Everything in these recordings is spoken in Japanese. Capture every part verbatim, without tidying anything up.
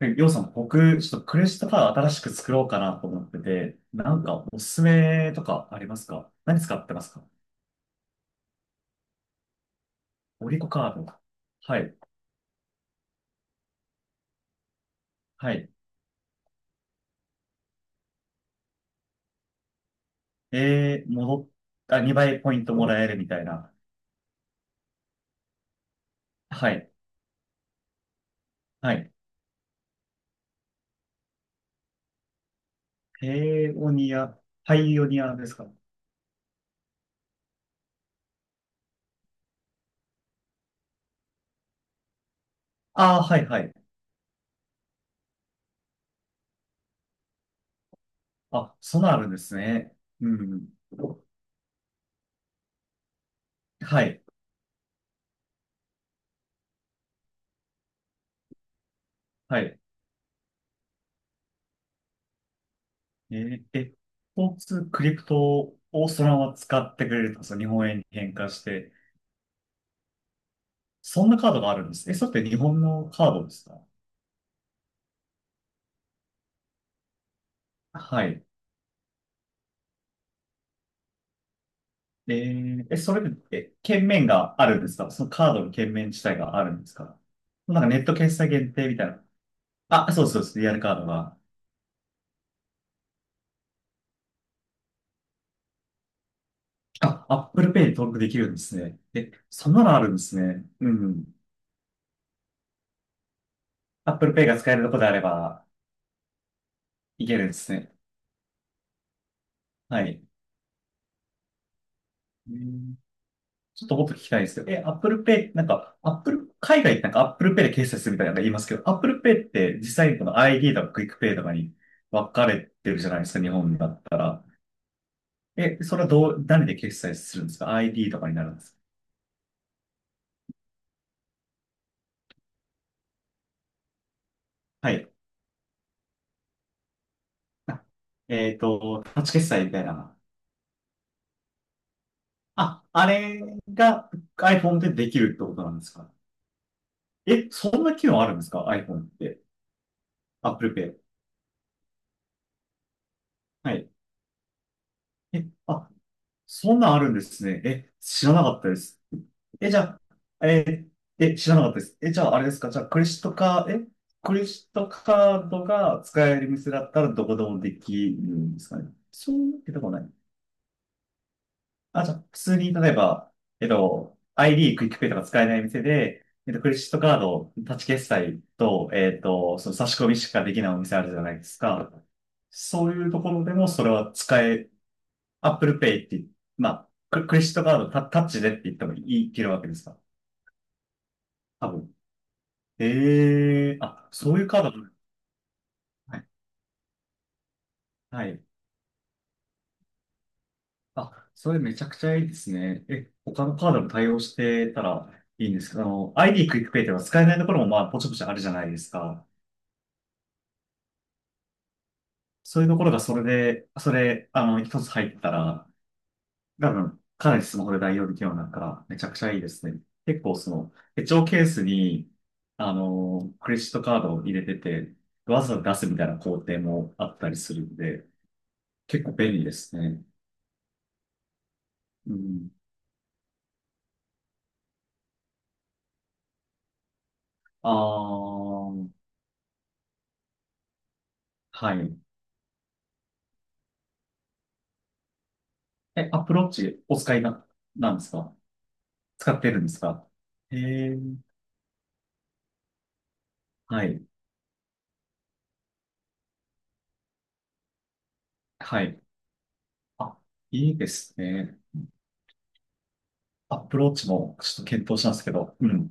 で、りょうさん、僕、ちょっとクレジットカード新しく作ろうかなと思ってて、なんかおすすめとかありますか？何使ってますか？オリコカード。はい。はい。えー、戻っ、あ、にばいポイントもらえるみたいな。はい。はい。ペオニア、パイオニアですか？ああー、はい、はい。あ、そんなのあるんですね。うん。はい。はい。えー、え、スポーツクリプトをそのまま使ってくれると、その日本円に変換して、そんなカードがあるんです。え、それって日本のカードですか？はい。えーえ、それって、え、券面があるんですか？そのカードの券面自体があるんですか？なんかネット決済限定みたいな。あ、そうそうです。リアルカードが。あ、Apple Pay に登録できるんですね。え、そんなのあるんですね。うん。Apple Pay が使えるとこであれば、いけるんですね。はい。うん、ちょっともっと聞きたいんですけど、え、Apple Pay、なんか、Apple、海外ってなんか Apple Pay で決済するみたいなの言いますけど、Apple Pay って実際にこの アイディー とか Quick Pay とかに分かれてるじゃないですか、日本だったら。え、それはどう、何で決済するんですか？ アイディー とかになるんですか？はい。えっと、タッチ決済みたいな。あ、あれが iPhone でできるってことなんですか？え、そんな機能あるんですか？ iPhone って。Apple Pay。はい。え、あ、そんなんあるんですね。え、知らなかったです。え、じゃあ、えー、え、知らなかったです。え、じゃあ、あれですか。じゃあ、クレジットカード、え、クレジットカードが使える店だったらどこでもできるんですかね。そういうわけでもない。あ、じゃあ、普通に、例えば、えっと、アイディー、クイックペイとか使えない店で、えっと、クレジットカード、タッチ決済と、えっと、その差し込みしかできないお店あるじゃないですか。そういうところでも、それは使え、Apple Pay って、まあ、ククレジットカードタ、タッチでって言ってもいい、いけるわけですか。多分。ええあ、そういうカードも、はい。はい。あ、それめちゃくちゃいいですね。え、他のカードも対応してたらいいんですけど、あの、アイディー クイックペイでは使えないところもまあ、ぽちぽちあるじゃないですか。そういうところがそれで、それ、あの、一つ入ったら、多分、かなりスマホで代用できるようになるから、めちゃくちゃいいですね。結構その、手帳ケースに、あの、クレジットカードを入れてて、わざわざ出すみたいな工程もあったりするんで、結構便利ですね。うん、ああ、はい。え、アプローチお使いな、なんですか？使ってるんですか？ええ、はい。はい。あ、いいですね。アプローチもちょっと検討したんですけど。うん。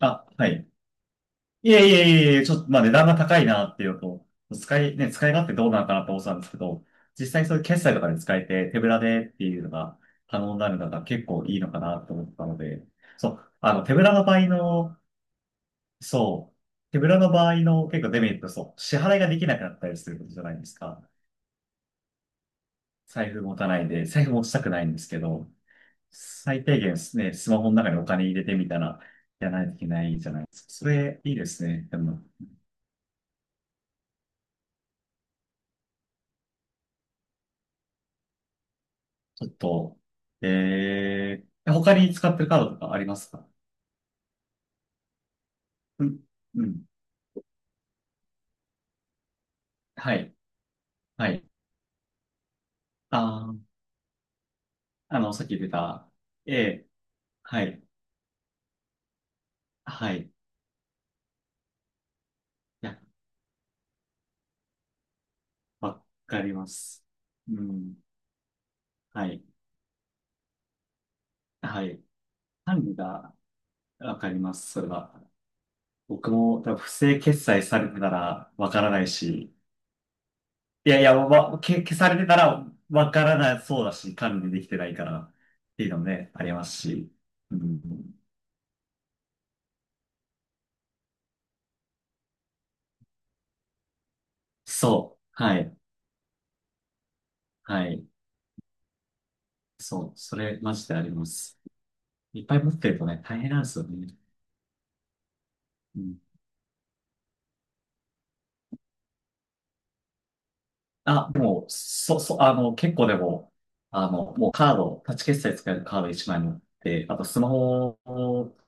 あ、はい。いえいえいえいえ、ちょっと、まあ値段が高いなっていうのと、使い、ね、使い勝手どうなのかなって思ってたんですけど、実際そういう決済とかで使えて手ぶらでっていうのが可能になるのが結構いいのかなって思ったので、そう、あの手ぶらの場合のそう。手ぶらの場合の結構デメリット、そう。支払いができなくなったりすることじゃないですか。財布持たないで、財布持ちたくないんですけど、最低限ですね、スマホの中にお金入れてみたら、やらないといけないじゃないですか。それ、いいですね。でも、ちょっと、えー、他に使ってるカードとかありますか？うん、うん。はい、はい。あー、あの、さっき出た、えー、はい、はい。いや、わかります。うん、はい。はい。管理が、わかります、それは。僕も多分不正決済されてたらわからないし、いやいや、わ、け消されてたらわからなそうだし、管理できてないからっていうのもね、ありますし。うん、そう。はい。はい。そう。それ、マジであります。いっぱい持ってるとね、大変なんですよね。うん、あ、もう、そ、そ、あの、結構でも、あの、もうカード、タッチ決済使えるカード一枚持って、あとスマホ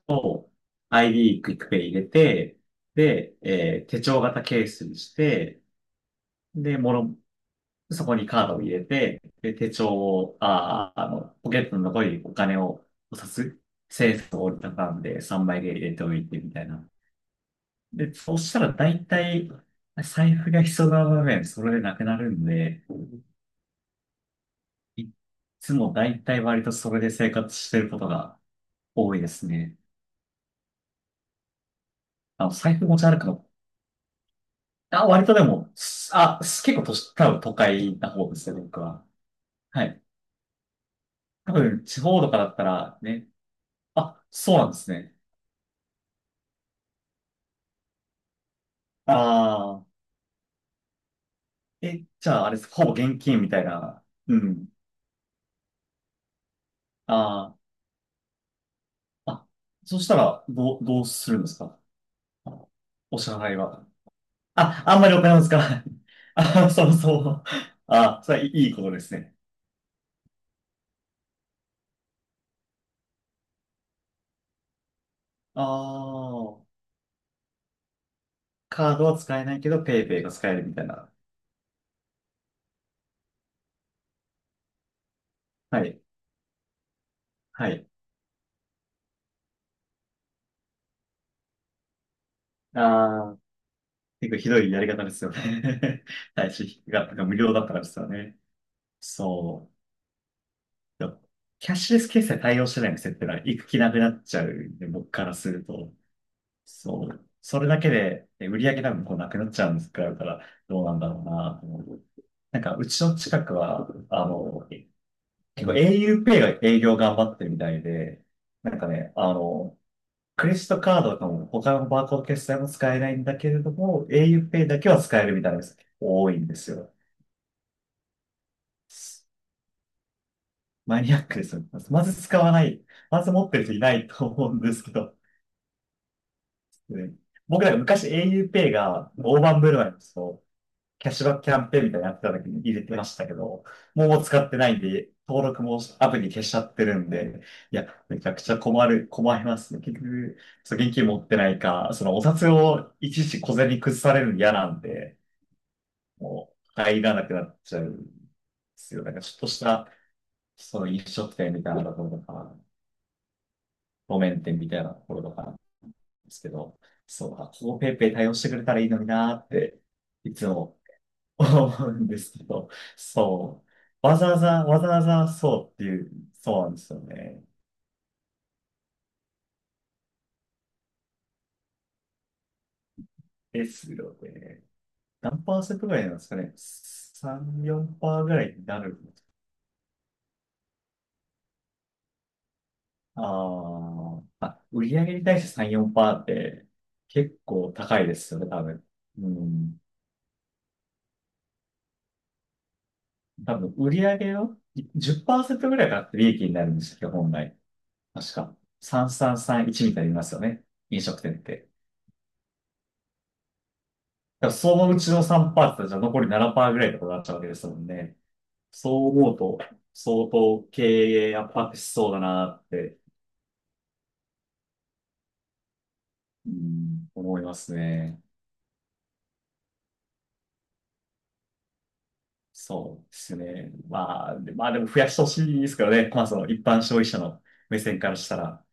と アイディー クイックペイ入れて、で、えー手帳型ケースにして、で、もの、そこにカードを入れて、で、手帳を、あー、あの、ポケットの残りにお金を、お札、いちえん札を折りたたんでさんまいで入れておいてみたいな。で、そうしたら大体、財布が必要な場面、それでなくなるんで、いつもだいたい割とそれで生活してることが多いですね。あの、財布持ち歩くの。あ、割とでも、すあ、す結構都市、多分都会な方ですね、僕は。はい。多分、地方とかだったらね。あ、そうなんですね。ああ、え、じゃああれですか、ほぼ現金みたいな。うん。ああ、あ、そしたら、どう、どうするんですか？あの、お支払いは。あ、あんまりお金を使わない。あ、そうそう。あ、それはいいいことですね。ああ。カードは使えないけど、ペイペイが使えるみたいな。はい。はい。ああ、結構ひどいやり方ですよね。はいしが、が無料だったからですよね。そう。キャッシュレス決済対応してない店ってのは行く気なくなっちゃうんで、僕からすると。そう。それだけで、え、売り上げ多分こうなくなっちゃうんですから、どうなんだろうなと思う。なんか、うちの近くは、あの、結構 auPay が営業頑張ってるみたいで、なんかね、あの、クレジットカードとかも他のバーコード決済も使えないんだけれども、auPay だけは使えるみたいなす多いんですよ。マニアックですよね。まず使わない。まず持ってる人いないと思うんですけど。ね、僕なんか昔 auPay が大盤振る舞いのそうキャッシュバックキャンペーンみたいなのやってた時に入れてましたけど、もう使ってないんで、登録もアプリ消しちゃってるんで、いや、めちゃくちゃ困る、困りますね。結局、そう現金持ってないか、そのお札をいちいち小銭崩されるの嫌なんで、もう入らなくなっちゃうんですよ。なんかちょっとした、その飲食店みたいなところとか、路面店みたいなところとかなんですけど、そう、あ、ここペイペイ対応してくれたらいいのになーって、いつも 思うんですけど、そう。わざわざ、わざわざそうっていう、そうなんですよね。ですよね。何パーセントぐらいなんですかね。さん、よんパーセントパーセントぐらいになる、あーあ、売上に対してさん、よんパーセントって結構高いですよね、多分。うん。多分、売上のじゅっパーセントぐらいが利益になるんですよ、本来。確か。さんさんさんいちみたいに言いますよね。飲食店って。だからそのうちのさんパーセントってじゃ残りななパーセントぐらいってことになっちゃうわけですもんね。そう思うと、相当経営圧迫しそうだなって、うん、思いますね。そうですね。まあ、で、まあでも増やしてほしいですけどね。まあその一般消費者の目線からしたら。